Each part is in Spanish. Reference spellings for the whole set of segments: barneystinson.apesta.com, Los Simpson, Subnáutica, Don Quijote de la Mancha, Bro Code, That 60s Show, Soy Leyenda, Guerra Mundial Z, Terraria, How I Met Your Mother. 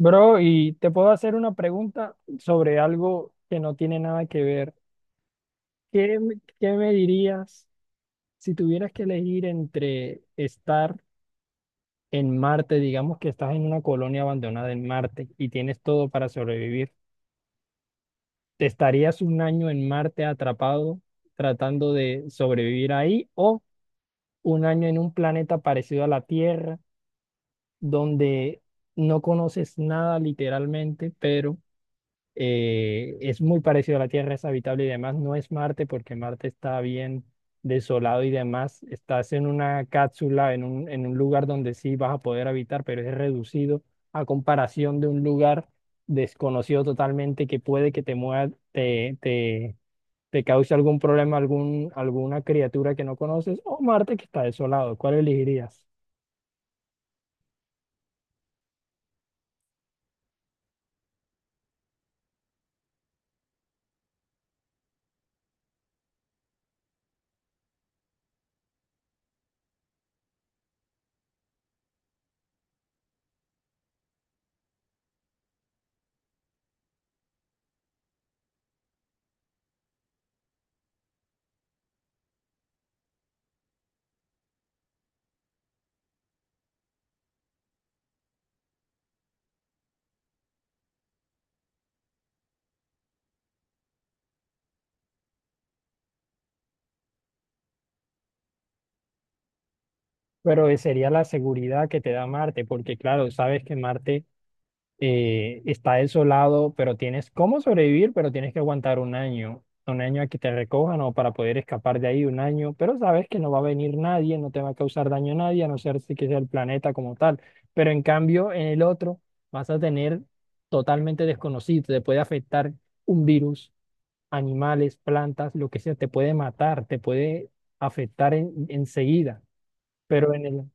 Bro, y te puedo hacer una pregunta sobre algo que no tiene nada que ver. ¿Qué, qué me dirías si tuvieras que elegir entre estar en Marte? Digamos que estás en una colonia abandonada en Marte y tienes todo para sobrevivir. ¿Te estarías un año en Marte atrapado tratando de sobrevivir ahí, o un año en un planeta parecido a la Tierra donde no conoces nada literalmente, pero es muy parecido a la Tierra, es habitable y demás? No es Marte, porque Marte está bien desolado y demás. Estás en una cápsula, en en un lugar donde sí vas a poder habitar, pero es reducido a comparación de un lugar desconocido totalmente, que puede que te mueva, te cause algún problema, alguna criatura que no conoces, o Marte, que está desolado. ¿Cuál elegirías? Pero sería la seguridad que te da Marte, porque claro, sabes que Marte está desolado, pero tienes cómo sobrevivir. Pero tienes que aguantar un año a que te recojan, o para poder escapar de ahí un año, pero sabes que no va a venir nadie, no te va a causar daño a nadie, a no ser si que sea el planeta como tal. Pero en cambio en el otro vas a tener totalmente desconocido, te puede afectar un virus, animales, plantas, lo que sea, te puede matar, te puede afectar enseguida. Pero en el...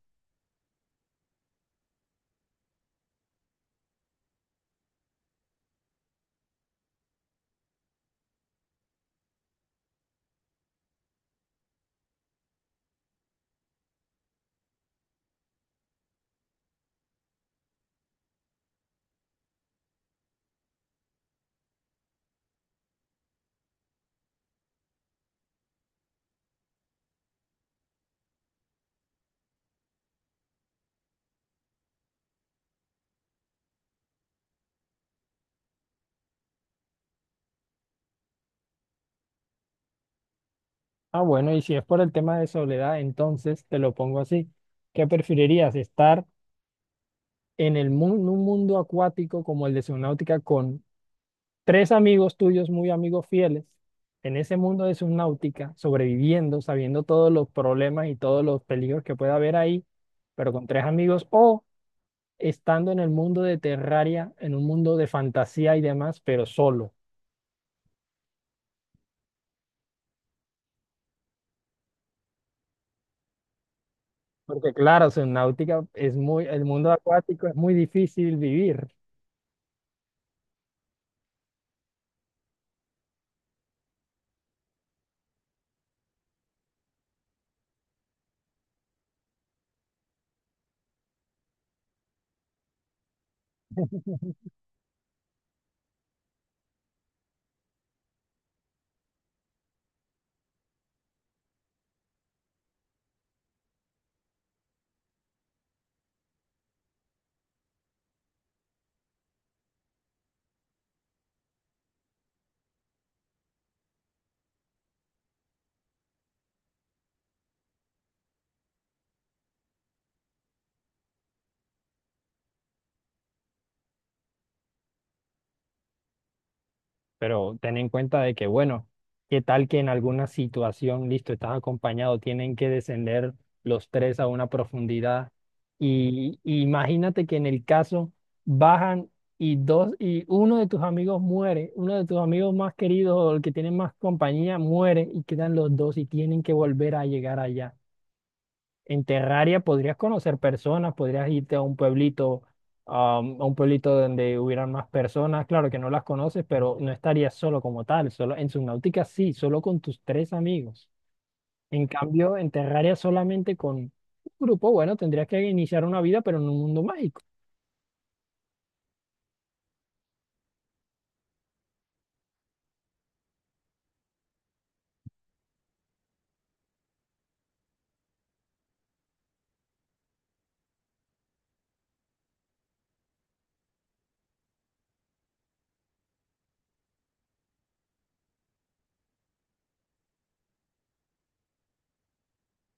Ah, bueno, y si es por el tema de soledad, entonces te lo pongo así. ¿Qué preferirías? ¿Estar en el en un mundo acuático como el de Subnáutica con tres amigos tuyos, muy amigos fieles, en ese mundo de Subnáutica, sobreviviendo, sabiendo todos los problemas y todos los peligros que puede haber ahí, pero con tres amigos, o estando en el mundo de Terraria, en un mundo de fantasía y demás, pero solo? Porque claro, Subnáutica es muy, el mundo acuático es muy difícil vivir. Pero ten en cuenta de que, bueno, qué tal que en alguna situación, listo, estás acompañado, tienen que descender los tres a una profundidad. Y imagínate que en el caso bajan, y uno de tus amigos muere, uno de tus amigos más queridos o el que tiene más compañía muere, y quedan los dos y tienen que volver a llegar allá. En Terraria podrías conocer personas, podrías irte a un pueblito, a un pueblito donde hubieran más personas. Claro que no las conoces, pero no estarías solo como tal. Solo en Subnautica sí, solo con tus tres amigos. En cambio, en Terraria solamente con un grupo, bueno, tendrías que iniciar una vida, pero en un mundo mágico.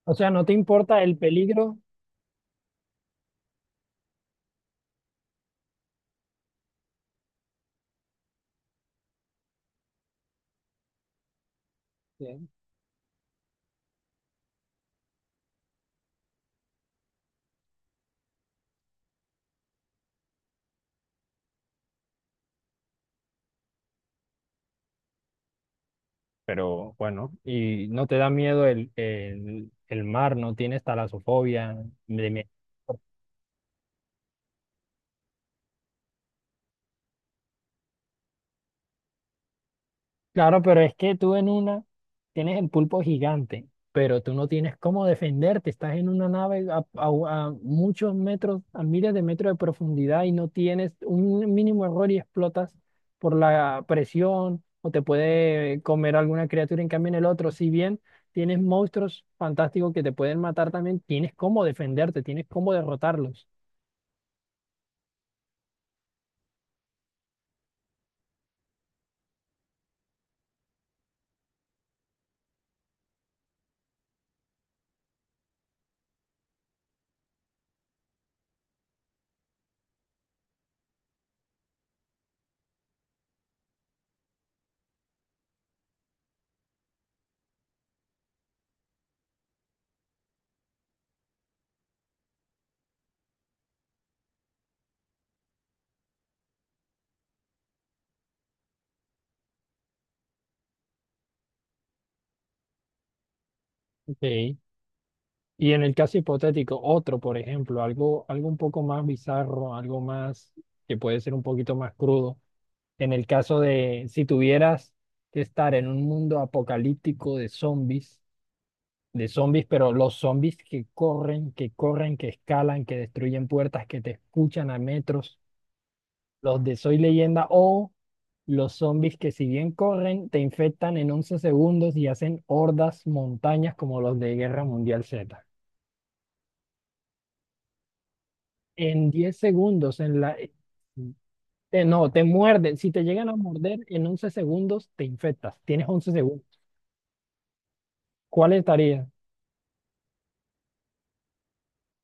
O sea, no te importa el peligro. Sí. Pero bueno, ¿y no te da miedo el mar? ¿No tienes talasofobia? Claro, pero es que tú en una tienes el pulpo gigante, pero tú no tienes cómo defenderte. Estás en una nave a, a muchos metros, a miles de metros de profundidad, y no tienes un mínimo error y explotas por la presión, o te puede comer alguna criatura. En cambio, en el otro, si bien tienes monstruos fantásticos que te pueden matar también, tienes cómo defenderte, tienes cómo derrotarlos. Ok. Y en el caso hipotético, otro, por ejemplo, algo, algo un poco más bizarro, algo más que puede ser un poquito más crudo. En el caso de si tuvieras que estar en un mundo apocalíptico de zombies, pero los zombies que corren, que corren, que escalan, que destruyen puertas, que te escuchan a metros, los de Soy Leyenda, o los zombies que si bien corren, te infectan en 11 segundos y hacen hordas, montañas, como los de Guerra Mundial Z. En 10 segundos, en la... No, te muerden. Si te llegan a morder, en 11 segundos te infectas. Tienes 11 segundos. ¿Cuál estaría?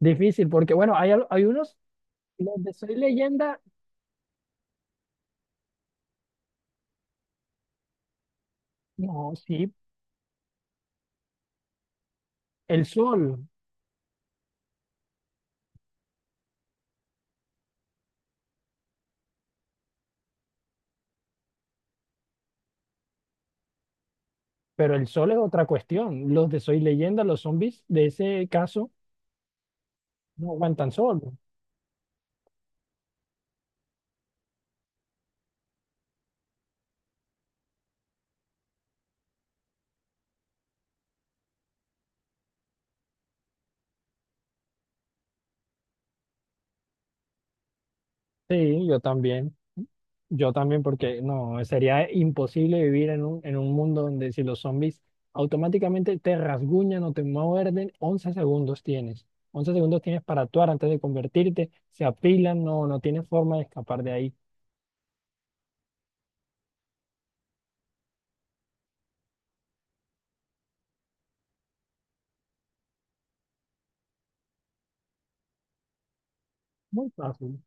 Difícil, porque bueno, hay, hay unos, los de Soy Leyenda, no, sí, el sol, pero el sol es otra cuestión. Los de Soy Leyenda, los zombies de ese caso, no aguantan sol. Sí, yo también. Yo también, porque no, sería imposible vivir en en un mundo donde si los zombies automáticamente te rasguñan o te muerden, 11 segundos tienes. Once segundos tienes para actuar antes de convertirte, se apilan, no, no tienes forma de escapar de ahí. Muy fácil.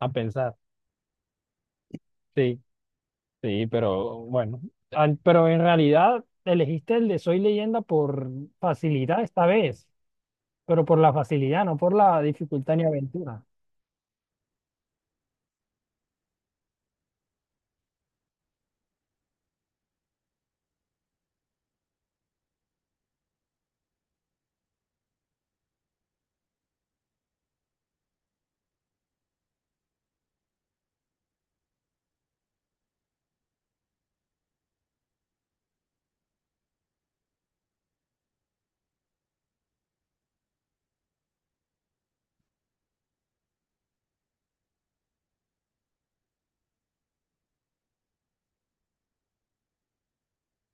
A pensar, sí, sí, pero bueno. Pero en realidad elegiste el de Soy Leyenda por facilidad esta vez, pero por la facilidad, no por la dificultad ni aventura.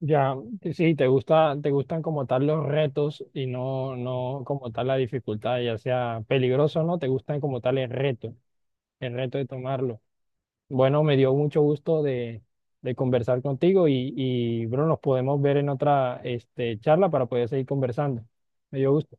Ya, que sí, te gusta, te gustan como tal los retos, y no, no como tal la dificultad, ya sea peligroso o no, te gustan como tal el reto de tomarlo. Bueno, me dio mucho gusto de conversar contigo, y, bro, nos podemos ver en otra este, charla para poder seguir conversando. Me dio gusto.